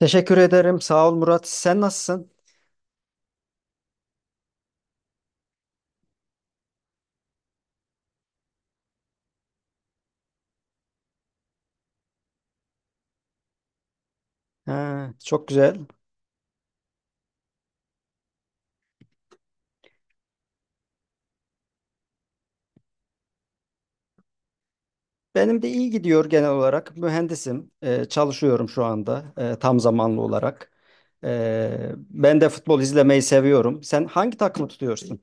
Teşekkür ederim. Sağ ol Murat. Sen nasılsın? Ha, çok güzel. Benim de iyi gidiyor genel olarak. Mühendisim. Çalışıyorum şu anda tam zamanlı olarak. Ben de futbol izlemeyi seviyorum. Sen hangi takımı tutuyorsun?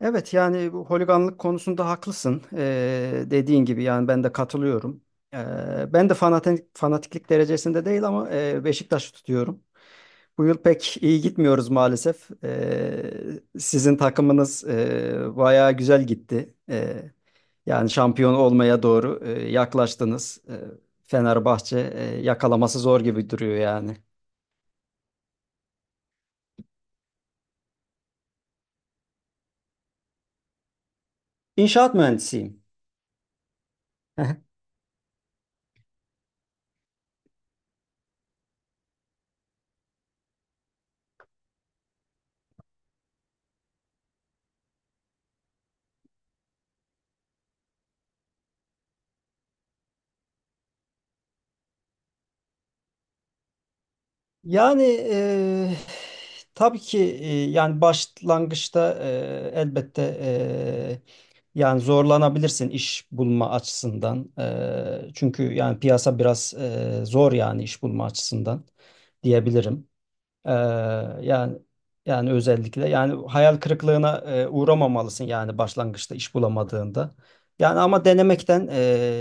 Evet, yani bu holiganlık konusunda haklısın. Dediğin gibi yani ben de katılıyorum. Ben de fanatiklik derecesinde değil ama Beşiktaş'ı tutuyorum. Bu yıl pek iyi gitmiyoruz maalesef. Sizin takımınız bayağı güzel gitti. Yani şampiyon olmaya doğru yaklaştınız. Fenerbahçe yakalaması zor gibi duruyor yani. İnşaat mühendisiyim. Yani tabii ki yani başlangıçta elbette yani zorlanabilirsin iş bulma açısından. Çünkü yani piyasa biraz zor yani iş bulma açısından diyebilirim. Ee, yani yani özellikle yani hayal kırıklığına uğramamalısın yani başlangıçta iş bulamadığında. Yani ama denemekten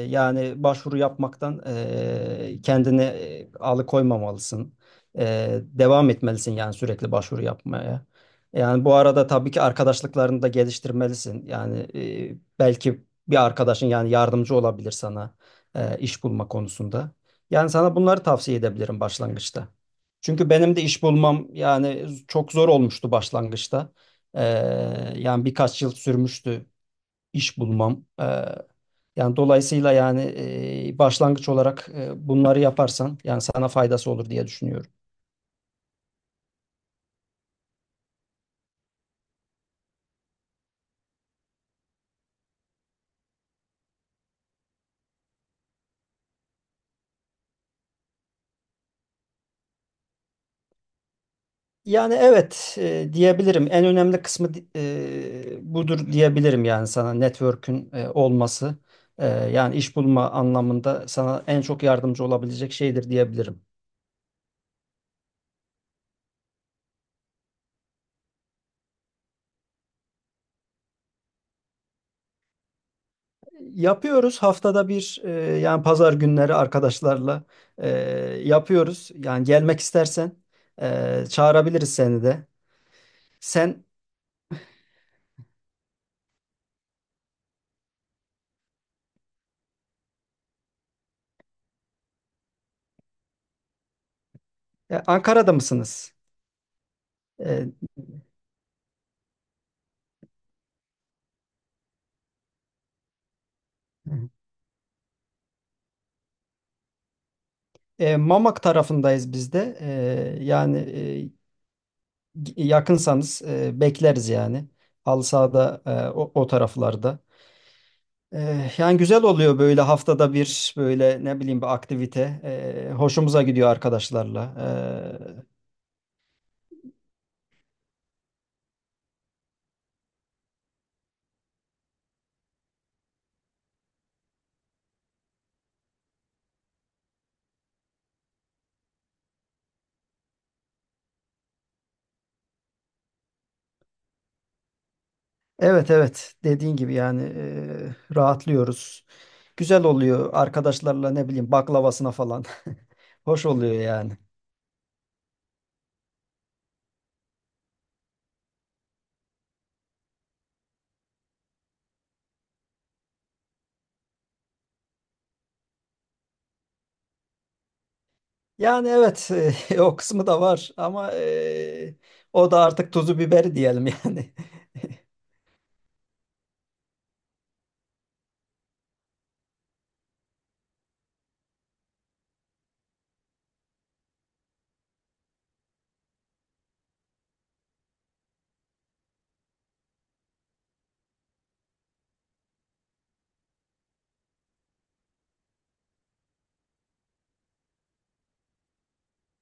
yani başvuru yapmaktan kendini alıkoymamalısın. Devam etmelisin yani sürekli başvuru yapmaya. Yani bu arada tabii ki arkadaşlıklarını da geliştirmelisin. Yani belki bir arkadaşın yani yardımcı olabilir sana iş bulma konusunda. Yani sana bunları tavsiye edebilirim başlangıçta. Çünkü benim de iş bulmam yani çok zor olmuştu başlangıçta. Ee, yani birkaç yıl sürmüştü iş bulmam. Yani dolayısıyla yani başlangıç olarak bunları yaparsan yani sana faydası olur diye düşünüyorum. Yani evet, diyebilirim. En önemli kısmı budur diyebilirim yani sana network'ün olması. Yani iş bulma anlamında sana en çok yardımcı olabilecek şeydir diyebilirim. Yapıyoruz haftada bir, yani pazar günleri arkadaşlarla e, yapıyoruz. Yani gelmek istersen çağırabiliriz seni de. Sen Ankara'da mısınız? E, Mamak tarafındayız biz de. Yani e, yakınsanız bekleriz yani. Halı sahada, o taraflarda. Yani güzel oluyor böyle haftada bir böyle ne bileyim bir aktivite. Hoşumuza gidiyor arkadaşlarla. E, Evet, evet, dediğin gibi yani rahatlıyoruz. Güzel oluyor arkadaşlarla ne bileyim baklavasına falan. Hoş oluyor yani. Yani evet, o kısmı da var ama o da artık tuzu biberi diyelim yani.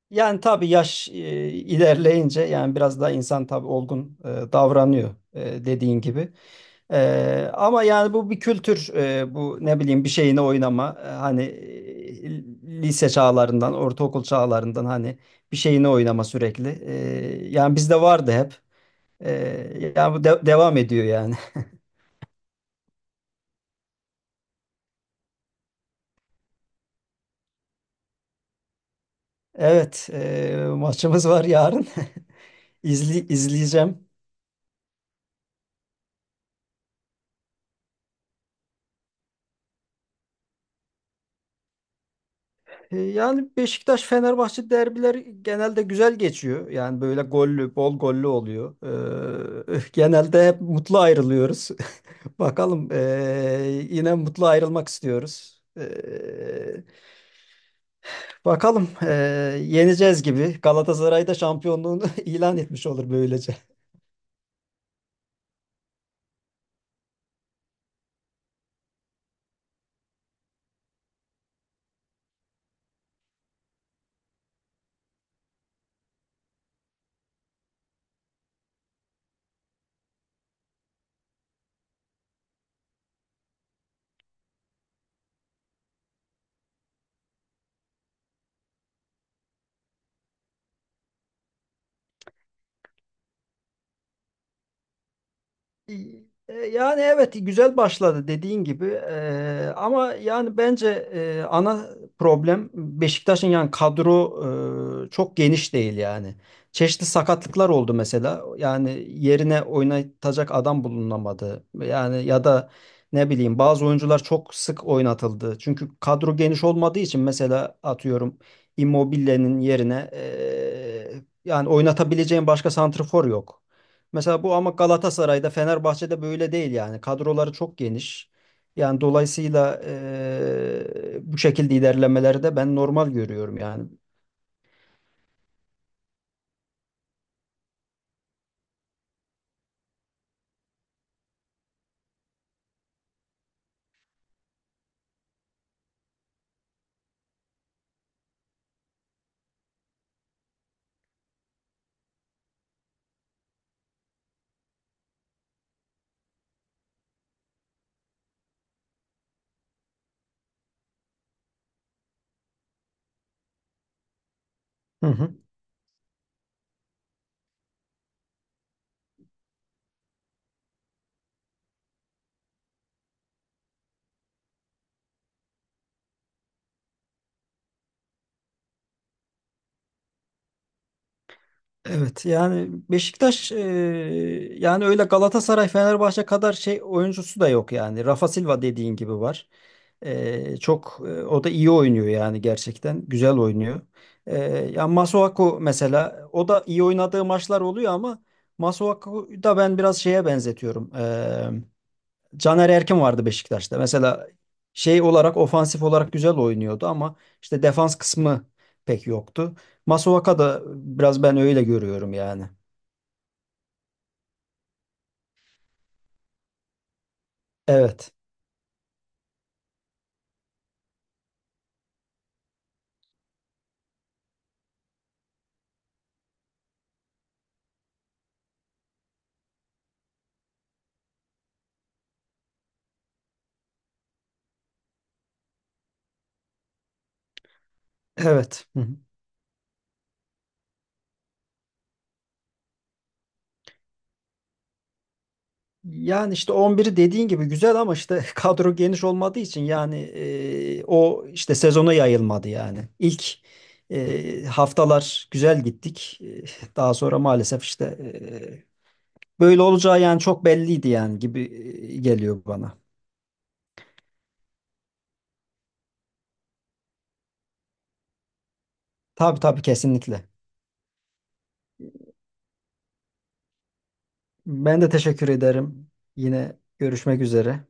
Yani tabii, yaş ilerleyince yani biraz daha insan tabii olgun davranıyor dediğin gibi. Ama yani bu bir kültür, bu ne bileyim bir şeyine oynama, hani lise çağlarından ortaokul çağlarından hani bir şeyine oynama sürekli. Yani bizde vardı hep. Yani bu devam ediyor yani. Evet, maçımız var yarın. İzli, izleyeceğim. Yani Beşiktaş-Fenerbahçe derbileri genelde güzel geçiyor. Yani böyle bol gollü oluyor. Genelde hep mutlu ayrılıyoruz. Bakalım, yine mutlu ayrılmak istiyoruz. Bakalım, yeneceğiz gibi. Galatasaray da şampiyonluğunu ilan etmiş olur böylece. E, Yani evet, güzel başladı dediğin gibi. Ama yani bence ana problem Beşiktaş'ın, yani kadro çok geniş değil yani. Çeşitli sakatlıklar oldu mesela, yani yerine oynatacak adam bulunamadı yani, ya da ne bileyim bazı oyuncular çok sık oynatıldı. Çünkü kadro geniş olmadığı için mesela atıyorum Immobile'nin yerine yani oynatabileceğin başka santrafor yok. Mesela bu, ama Galatasaray'da, Fenerbahçe'de böyle değil yani. Kadroları çok geniş. Yani dolayısıyla bu şekilde ilerlemeleri de ben normal görüyorum yani. Hı hı. Evet, yani Beşiktaş yani öyle Galatasaray, Fenerbahçe kadar şey oyuncusu da yok yani. Rafa Silva dediğin gibi var. Çok o da iyi oynuyor yani, gerçekten güzel oynuyor. E, ya Masuaku mesela, o da iyi oynadığı maçlar oluyor ama Masuaku da ben biraz şeye benzetiyorum. Caner Erkin vardı Beşiktaş'ta. Mesela şey olarak, ofansif olarak güzel oynuyordu ama işte defans kısmı pek yoktu. Masuaka da biraz ben öyle görüyorum yani. Evet. Evet. Hı hı. Yani işte 11'i dediğin gibi güzel ama işte kadro geniş olmadığı için yani o işte sezona yayılmadı yani. İlk haftalar güzel gittik. Daha sonra maalesef işte böyle olacağı yani çok belliydi yani gibi geliyor bana. Tabii tabii, kesinlikle. Ben de teşekkür ederim. Yine görüşmek üzere.